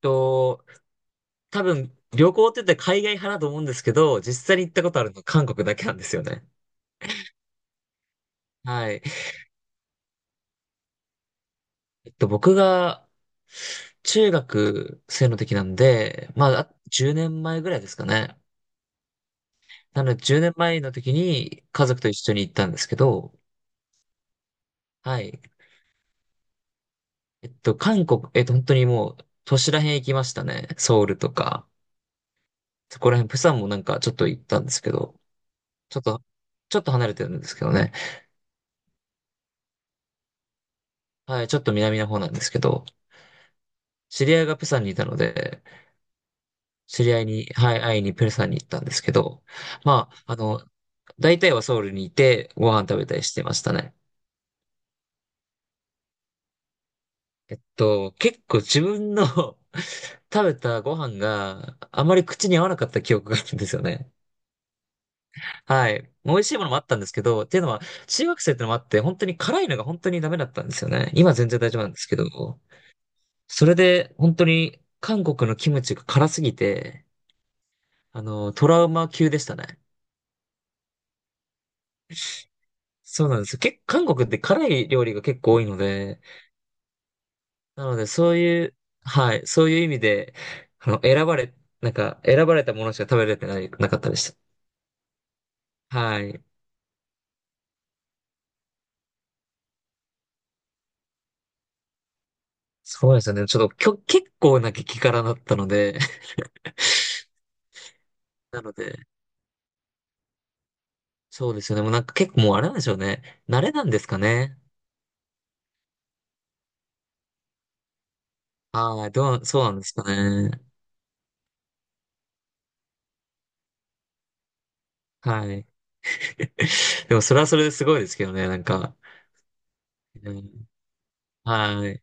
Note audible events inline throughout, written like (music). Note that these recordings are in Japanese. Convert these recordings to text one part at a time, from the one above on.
と、多分、旅行って言ったら海外派だと思うんですけど、実際に行ったことあるの韓国だけなんですよね。はい。僕が、中学生の時なんで、まあ、10年前ぐらいですかね。なので、10年前の時に家族と一緒に行ったんですけど、はい。韓国、本当にもう、都市らへん行きましたね。ソウルとか、そこらへんプサンもなんかちょっと行ったんですけど、ちょっと、ちょっと離れてるんですけどね。はい、ちょっと南の方なんですけど、知り合いがプサンにいたので、知り合いに、はい、会いにプサンに行ったんですけど、まあ、大体はソウルにいてご飯食べたりしてましたね。結構自分の (laughs) 食べたご飯があまり口に合わなかった記憶があるんですよね。はい。美味しいものもあったんですけど、っていうのは、中学生ってのもあって、本当に辛いのが本当にダメだったんですよね。今全然大丈夫なんですけど、それで本当に韓国のキムチが辛すぎて、トラウマ級でしたね。そうなんですよ。韓国って辛い料理が結構多いので、なので、そういう、はい、そういう意味で、あの、選ばれ、選ばれたものしか食べれてない、なかったでした。はい。そうですよね。ちょっと、きょ、結構な激辛だったので、(laughs) なので、そうですよね。もうなんか結構もうあれなんでしょうね。慣れなんですかね。はい、そうなんですかね。はい。(laughs) でも、それはそれですごいですけどね、なんか。うん、はい。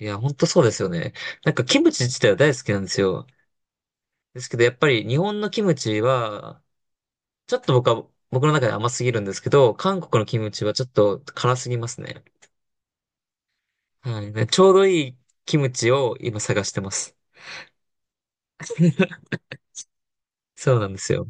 いや、ほんとそうですよね。なんか、キムチ自体は大好きなんですよ。ですけど、やっぱり日本のキムチは、ちょっと僕は、僕の中で甘すぎるんですけど、韓国のキムチはちょっと辛すぎますね。はい。ねちょうどいいキムチを今探してます。そうなんですよ。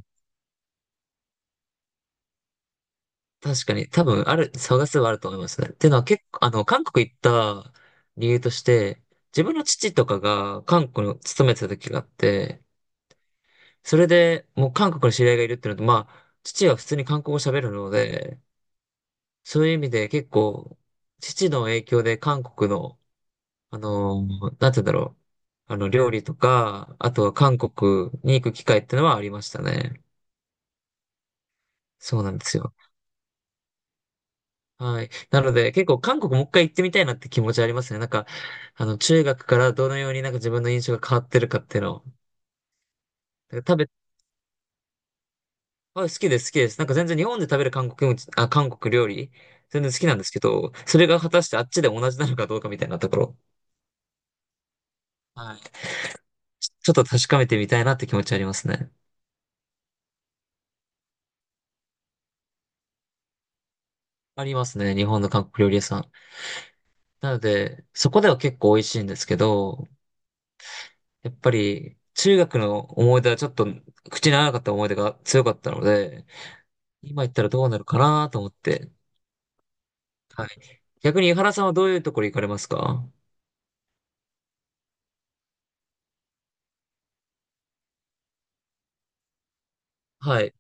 確かに、多分ある、探せばあると思いますね。っていうのは結構、韓国行った理由として、自分の父とかが韓国に勤めてた時があって、それでもう韓国の知り合いがいるっていうのと、まあ、父は普通に韓国語喋るので、そういう意味で結構、父の影響で韓国のなんて言うんだろう。料理とか、あとは韓国に行く機会ってのはありましたね。そうなんですよ。はい。なので、結構韓国もう一回行ってみたいなって気持ちありますね。なんか、中学からどのようになんか自分の印象が変わってるかっていうのを。だから食べ、あ、好きです、好きです。なんか全然日本で食べる韓国料理、全然好きなんですけど、それが果たしてあっちで同じなのかどうかみたいなところ。はい。ちょっと確かめてみたいなって気持ちありますね。ありますね、日本の韓国料理屋さん。なので、そこでは結構美味しいんですけど、やっぱり中学の思い出はちょっと口に合わなかった思い出が強かったので、今行ったらどうなるかなと思って。はい。逆に井原さんはどういうところ行かれますか？はい。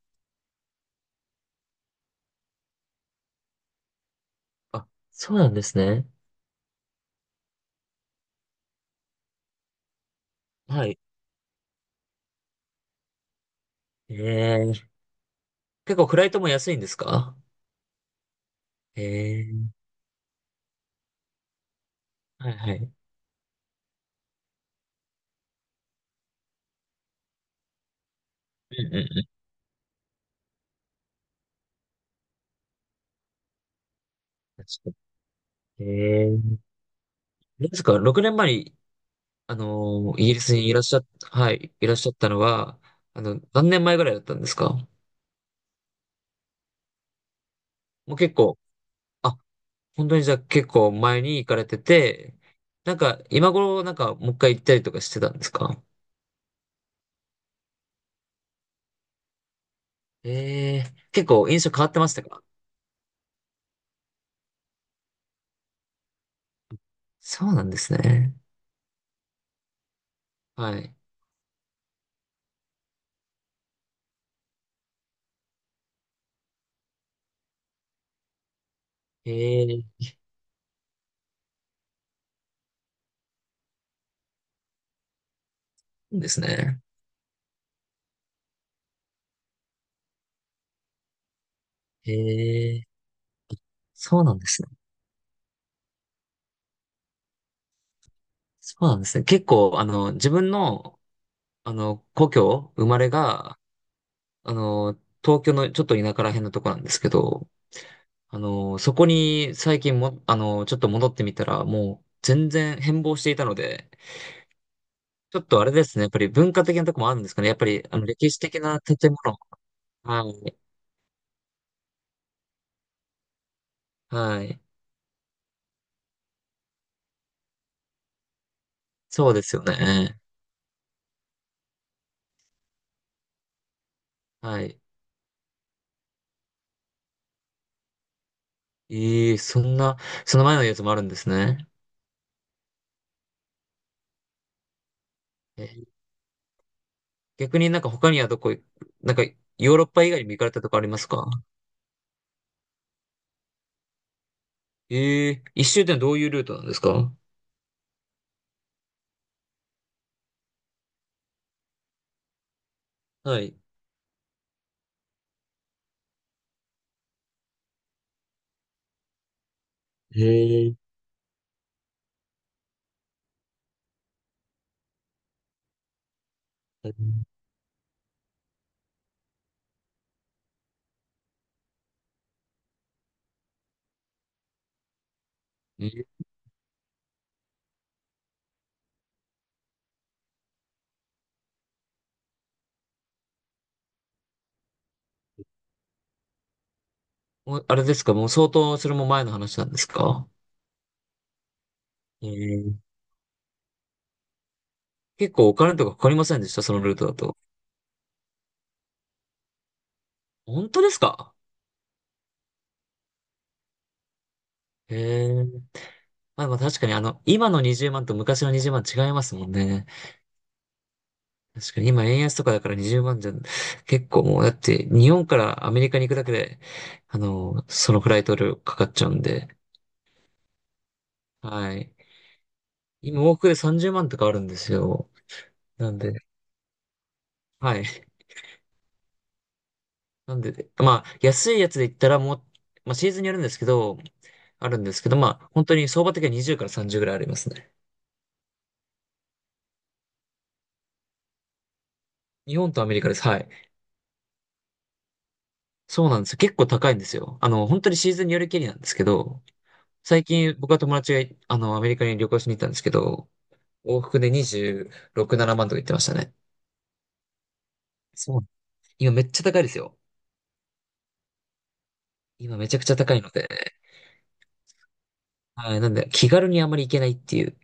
あ、そうなんですね。はい。ええ結構フライトも安いんですか？ええはいはい。うんうんうん。確かにええどうですか？ 6 年前に、イギリスにいらっしゃっ、はい、いらっしゃったのは、何年前ぐらいだったんですか？もう結構、あ、本当にじゃあ結構前に行かれてて、なんか今頃なんかもう一回行ったりとかしてたんですか？ええー結構印象変わってましたか？そうなんですね。はい。ええそうですね。ええそうなんですね。そうなんですね。結構、あの、自分の、あの、故郷、生まれが、あの、東京のちょっと田舎ら辺のとこなんですけど、そこに最近も、ちょっと戻ってみたら、もう全然変貌していたので、ちょっとあれですね。やっぱり文化的なとこもあるんですかね。やっぱり、歴史的な建物。はい。はい。そうですよね。はい。ええ、そんな、その前のやつもあるんですね。えー逆になんか他にはどこ、なんか、ヨーロッパ以外にも行かれたとこありますか？ええ、一周ってのはどういうルートなんですか？はい。へえ。えーもうあれですかもう相当、それも前の話なんですか？ええ、結構お金とかかかりませんでしたそのルートだと。本当ですか？へえ。まあ、まあ確かにあの、今の20万と昔の20万違いますもんね。確かに今円安とかだから20万じゃ、結構もうだって日本からアメリカに行くだけで、そのフライト料かかっちゃうんで、はい。今往復で30万とかあるんですよ。なんで、はい。なんで、まあ安いやつで言ったらもう、まあシーズンによるんですけど、あるんですけど、まあ本当に相場的には20から30ぐらいありますね。日本とアメリカです。はい。そうなんですよ。結構高いんですよ。本当にシーズンによりけりなんですけど、最近僕は友達がい、あの、アメリカに旅行しに行ったんですけど、往復で26、7万とか言ってましたね。そう。今めっちゃ高いですよ。今めちゃくちゃ高いので。はい。なんで、気軽にあまり行けないっていう。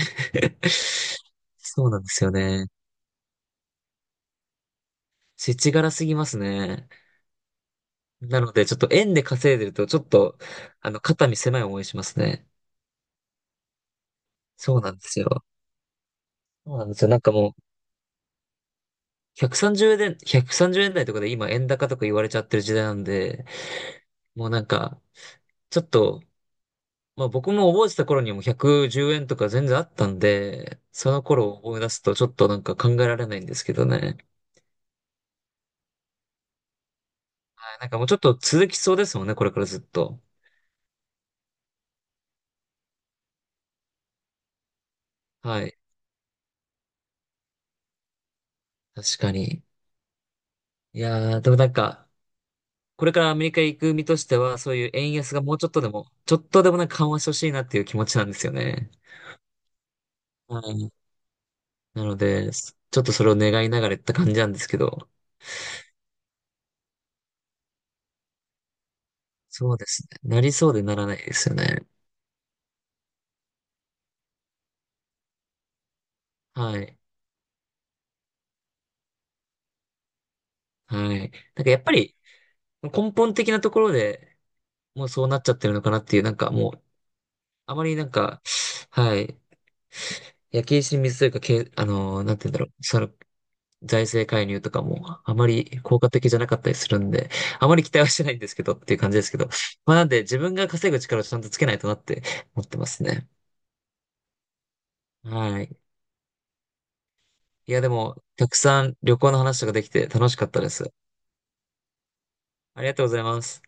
(laughs) そうなんですよね。世知辛すぎますね。なので、ちょっと円で稼いでると、ちょっと、肩身狭い思いしますね。そうなんですよ。そうなんですよ。なんかもう、130円、130円台とかで今円高とか言われちゃってる時代なんで、もうなんか、ちょっと、まあ僕も覚えてた頃にはもう110円とか全然あったんで、その頃を思い出すとちょっとなんか考えられないんですけどね。はい、なんかもうちょっと続きそうですもんね、これからずっと。はい。確かに。いやー、でもなんか、これからアメリカ行く身としては、そういう円安がもうちょっとでも、ちょっとでもなんか緩和してほしいなっていう気持ちなんですよね。はい。なので、ちょっとそれを願いながらやった感じなんですけど、そうですね。なりそうでならないですよね。はい。はい。なんかやっぱり根本的なところで、もうそうなっちゃってるのかなっていう、なんかもう、あまりなんか、はい、焼け石に水というか、け、あのーなんて言うんだろう、その、財政介入とかもあまり効果的じゃなかったりするんで、あまり期待はしてないんですけどっていう感じですけど、まあなんで自分が稼ぐ力をちゃんとつけないとなって思ってますね。はい。いやでも、たくさん旅行の話とかできて楽しかったです。ありがとうございます。